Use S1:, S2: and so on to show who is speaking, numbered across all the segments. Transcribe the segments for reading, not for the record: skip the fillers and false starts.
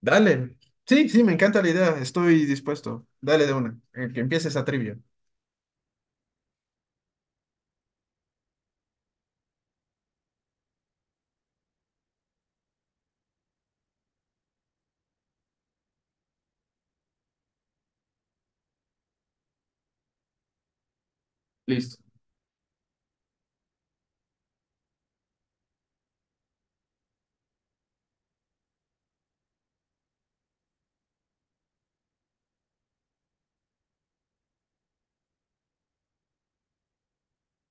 S1: Dale. Sí, sí, me encanta la idea. Estoy dispuesto. Dale de una. Que empiece esa trivia. Listo.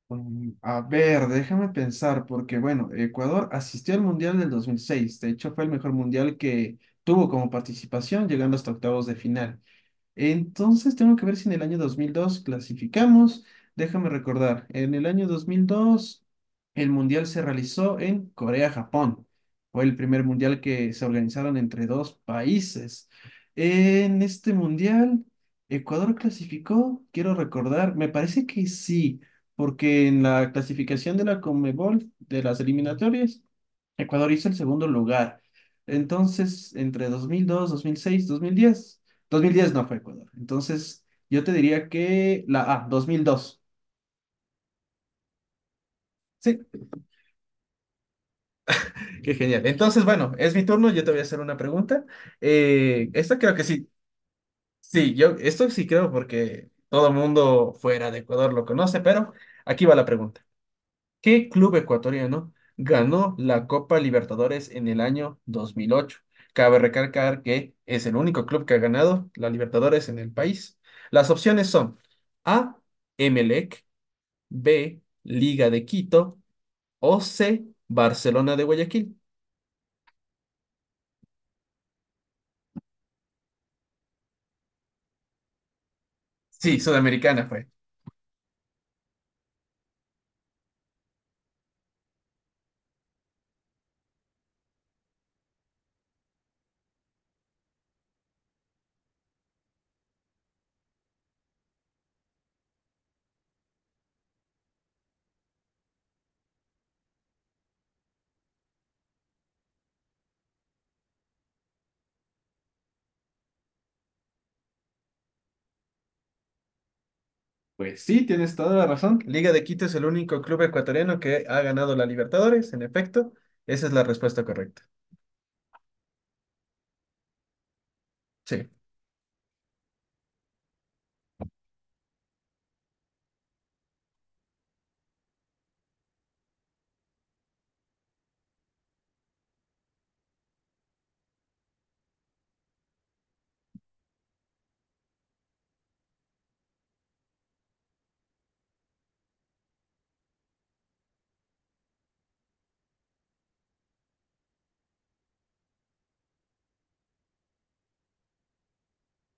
S1: A ver, déjame pensar, porque bueno, Ecuador asistió al Mundial del 2006. De hecho, fue el mejor mundial que tuvo como participación, llegando hasta octavos de final. Entonces tengo que ver si en el año 2002 clasificamos. Déjame recordar, en el año 2002 el mundial se realizó en Corea-Japón. Fue el primer mundial que se organizaron entre dos países. En este mundial, Ecuador clasificó, quiero recordar, me parece que sí, porque en la clasificación de la Conmebol, de las eliminatorias, Ecuador hizo el segundo lugar. Entonces, entre dos dos, dos dos mil seis, diez, 2010 no fue Ecuador. Entonces, yo te diría que la A, 2002. Sí, qué genial. Entonces, bueno, es mi turno. Yo te voy a hacer una pregunta. Esta creo que sí. Sí, yo esto sí creo porque todo el mundo fuera de Ecuador lo conoce, pero aquí va la pregunta. ¿Qué club ecuatoriano ganó la Copa Libertadores en el año 2008? Cabe recalcar que es el único club que ha ganado la Libertadores en el país. Las opciones son A, Emelec, B, Liga de Quito o C, Barcelona de Guayaquil. Sí, Sudamericana fue. Pues sí, tienes toda la razón. Liga de Quito es el único club ecuatoriano que ha ganado la Libertadores, en efecto. Esa es la respuesta correcta. Sí.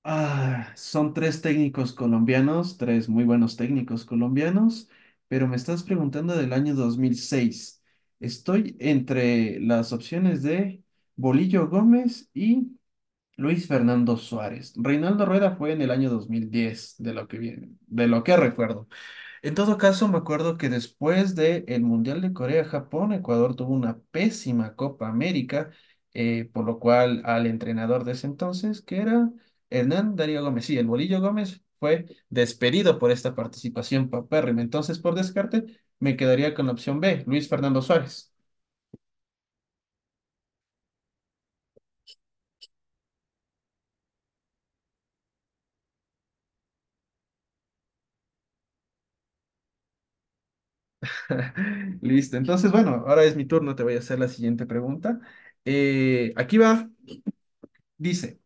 S1: Ah, son tres técnicos colombianos, tres muy buenos técnicos colombianos, pero me estás preguntando del año 2006. Estoy entre las opciones de Bolillo Gómez y Luis Fernando Suárez. Reinaldo Rueda fue en el año 2010, de lo que recuerdo. En todo caso, me acuerdo que después del Mundial de Corea-Japón, Ecuador tuvo una pésima Copa América, por lo cual al entrenador de ese entonces, que era Hernán Darío Gómez, sí, el Bolillo Gómez, fue despedido por esta participación papérrima. Entonces, por descarte, me quedaría con la opción B, Luis Fernando Suárez. Listo, entonces, bueno, ahora es mi turno, te voy a hacer la siguiente pregunta. Aquí va, dice.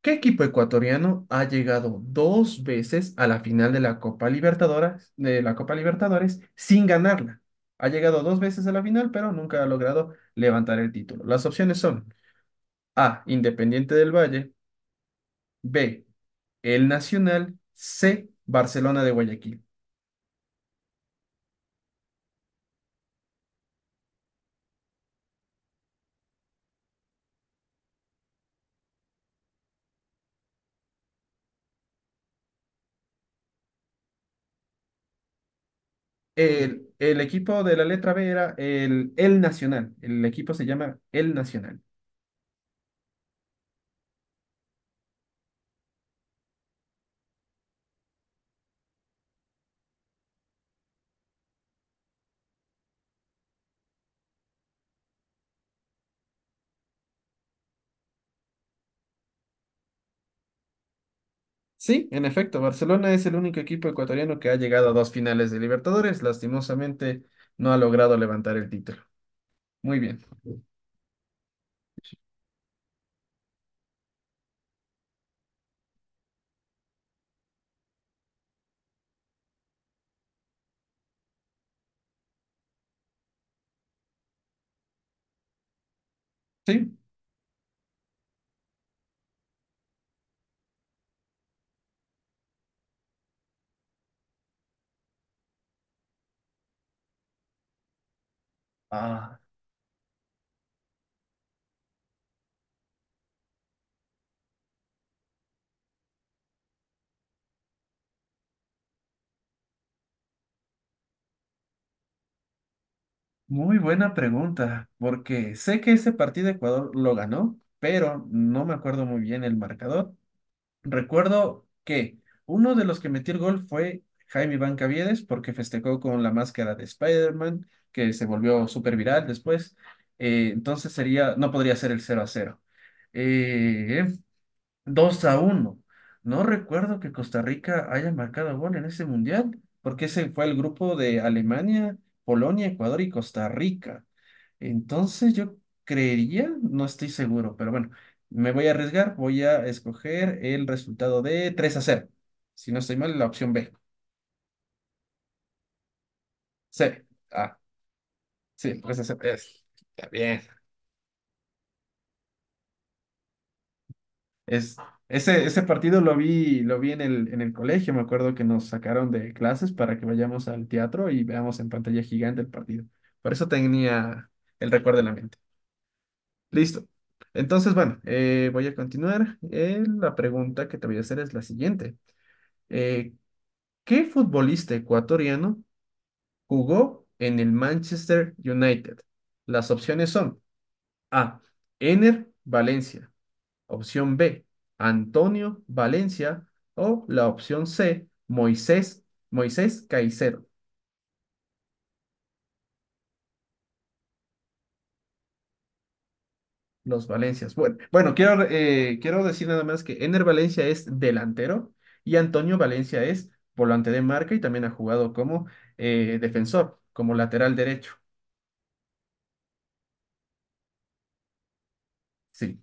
S1: ¿Qué equipo ecuatoriano ha llegado dos veces a la final de la Copa Libertadores, de la Copa Libertadores sin ganarla? Ha llegado dos veces a la final, pero nunca ha logrado levantar el título. Las opciones son A, Independiente del Valle, B, El Nacional, C, Barcelona de Guayaquil. El equipo de la letra B era el Nacional. El equipo se llama El Nacional. Sí, en efecto, Barcelona es el único equipo ecuatoriano que ha llegado a dos finales de Libertadores. Lastimosamente, no ha logrado levantar el título. Muy bien. Sí. Ah, muy buena pregunta, porque sé que ese partido Ecuador lo ganó, pero no me acuerdo muy bien el marcador. Recuerdo que uno de los que metió el gol fue Jaime Iván Caviedes, porque festejó con la máscara de Spider-Man, que se volvió súper viral después. Entonces sería, no podría ser el cero a cero. Eh, 2 a uno. No recuerdo que Costa Rica haya marcado gol en ese mundial, porque ese fue el grupo de Alemania, Polonia, Ecuador y Costa Rica. Entonces yo creería, no estoy seguro, pero bueno, me voy a arriesgar, voy a escoger el resultado de 3 a cero. Si no estoy mal, la opción B. C. Ah, sí, 3 a cero. Es. Está bien. Es, ese partido lo vi en el colegio. Me acuerdo que nos sacaron de clases para que vayamos al teatro y veamos en pantalla gigante el partido. Por eso tenía el recuerdo en la mente. Listo. Entonces, bueno, voy a continuar. La pregunta que te voy a hacer es la siguiente. Eh, ¿qué futbolista ecuatoriano jugó en el Manchester United? Las opciones son A, Ener Valencia. Opción B, Antonio Valencia. O la opción C, Moisés Caicedo. Los Valencias. Bueno, bueno, quiero, quiero decir nada más que Ener Valencia es delantero y Antonio Valencia es volante de marca y también ha jugado como defensor, como lateral derecho. Sí.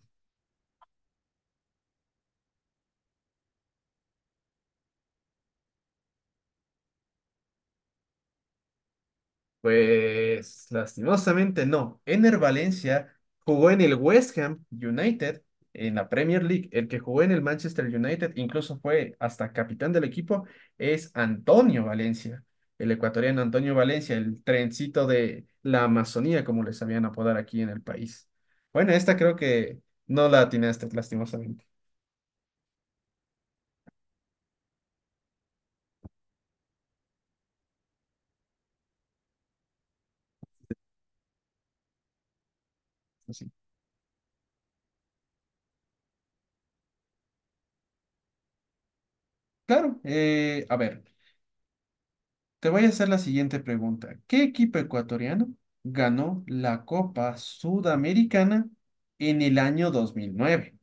S1: Pues lastimosamente no. Ener Valencia jugó en el West Ham United, en la Premier League. El que jugó en el Manchester United, incluso fue hasta capitán del equipo, es Antonio Valencia, el ecuatoriano Antonio Valencia, el trencito de la Amazonía, como les sabían apodar aquí en el país. Bueno, esta creo que no la atinaste, lastimosamente. Así. Claro, a ver. Te voy a hacer la siguiente pregunta. ¿Qué equipo ecuatoriano ganó la Copa Sudamericana en el año 2009?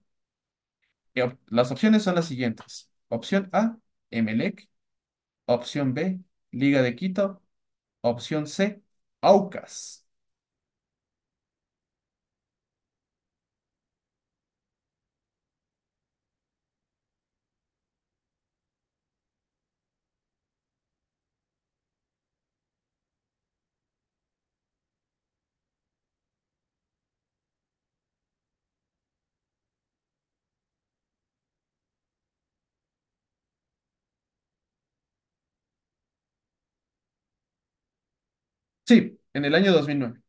S1: Las opciones son las siguientes. Opción A, Emelec. Opción B, Liga de Quito. Opción C, Aucas. Sí, en el año 2009.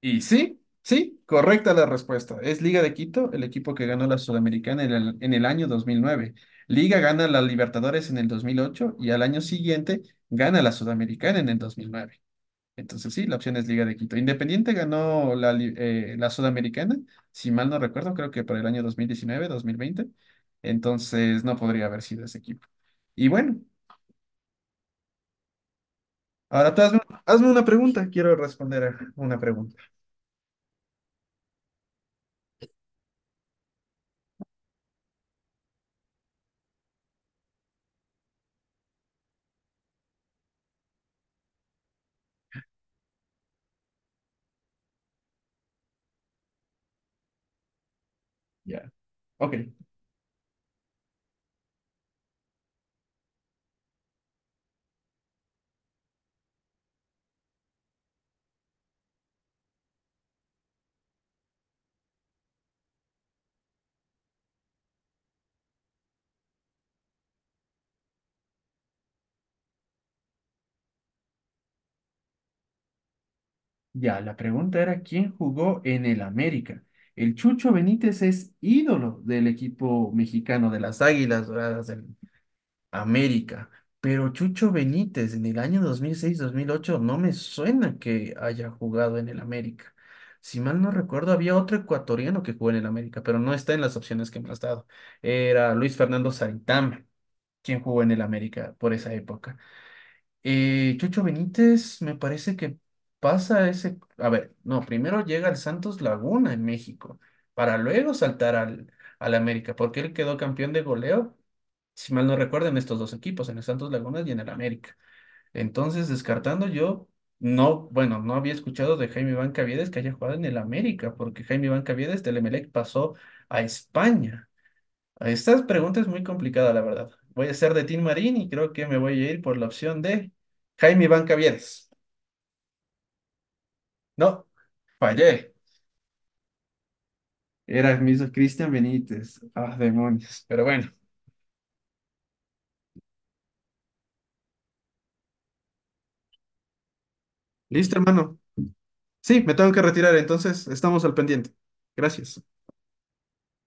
S1: Y sí, sí, correcta la respuesta. Es Liga de Quito, el equipo que ganó la Sudamericana en el año 2009. Liga gana la Libertadores en el 2008 y al año siguiente gana la Sudamericana en el 2009. Entonces sí, la opción es Liga de Quito. Independiente ganó la Sudamericana, si mal no recuerdo, creo que para el año dos mil diecinueve, 2020. Entonces no podría haber sido ese equipo. Y bueno, ahora tú hazme una pregunta. Quiero responder a una pregunta. Ya. Ok. Ya, la pregunta era quién jugó en el América. El Chucho Benítez es ídolo del equipo mexicano de las Águilas Doradas del América, pero Chucho Benítez en el año 2006-2008 no me suena que haya jugado en el América. Si mal no recuerdo, había otro ecuatoriano que jugó en el América, pero no está en las opciones que me has dado. Era Luis Fernando Saritama, quien jugó en el América por esa época. Chocho Benítez, me parece que a ver, no, primero llega al Santos Laguna en México, para luego saltar al América, porque él quedó campeón de goleo, si mal no recuerdo, en estos dos equipos, en el Santos Laguna y en el América. Entonces, descartando yo, no, bueno, no había escuchado de Jaime Bancavides que haya jugado en el América, porque Jaime Bancavides del Emelec pasó a España. Estas preguntas es muy complicada, la verdad. Voy a ser de Tim Marín y creo que me voy a ir por la opción de Jaime Iván Cavieres. No, fallé. Era el mismo Cristian Benítez. Ah, demonios. Pero bueno, listo, hermano. Sí, me tengo que retirar, entonces estamos al pendiente. Gracias.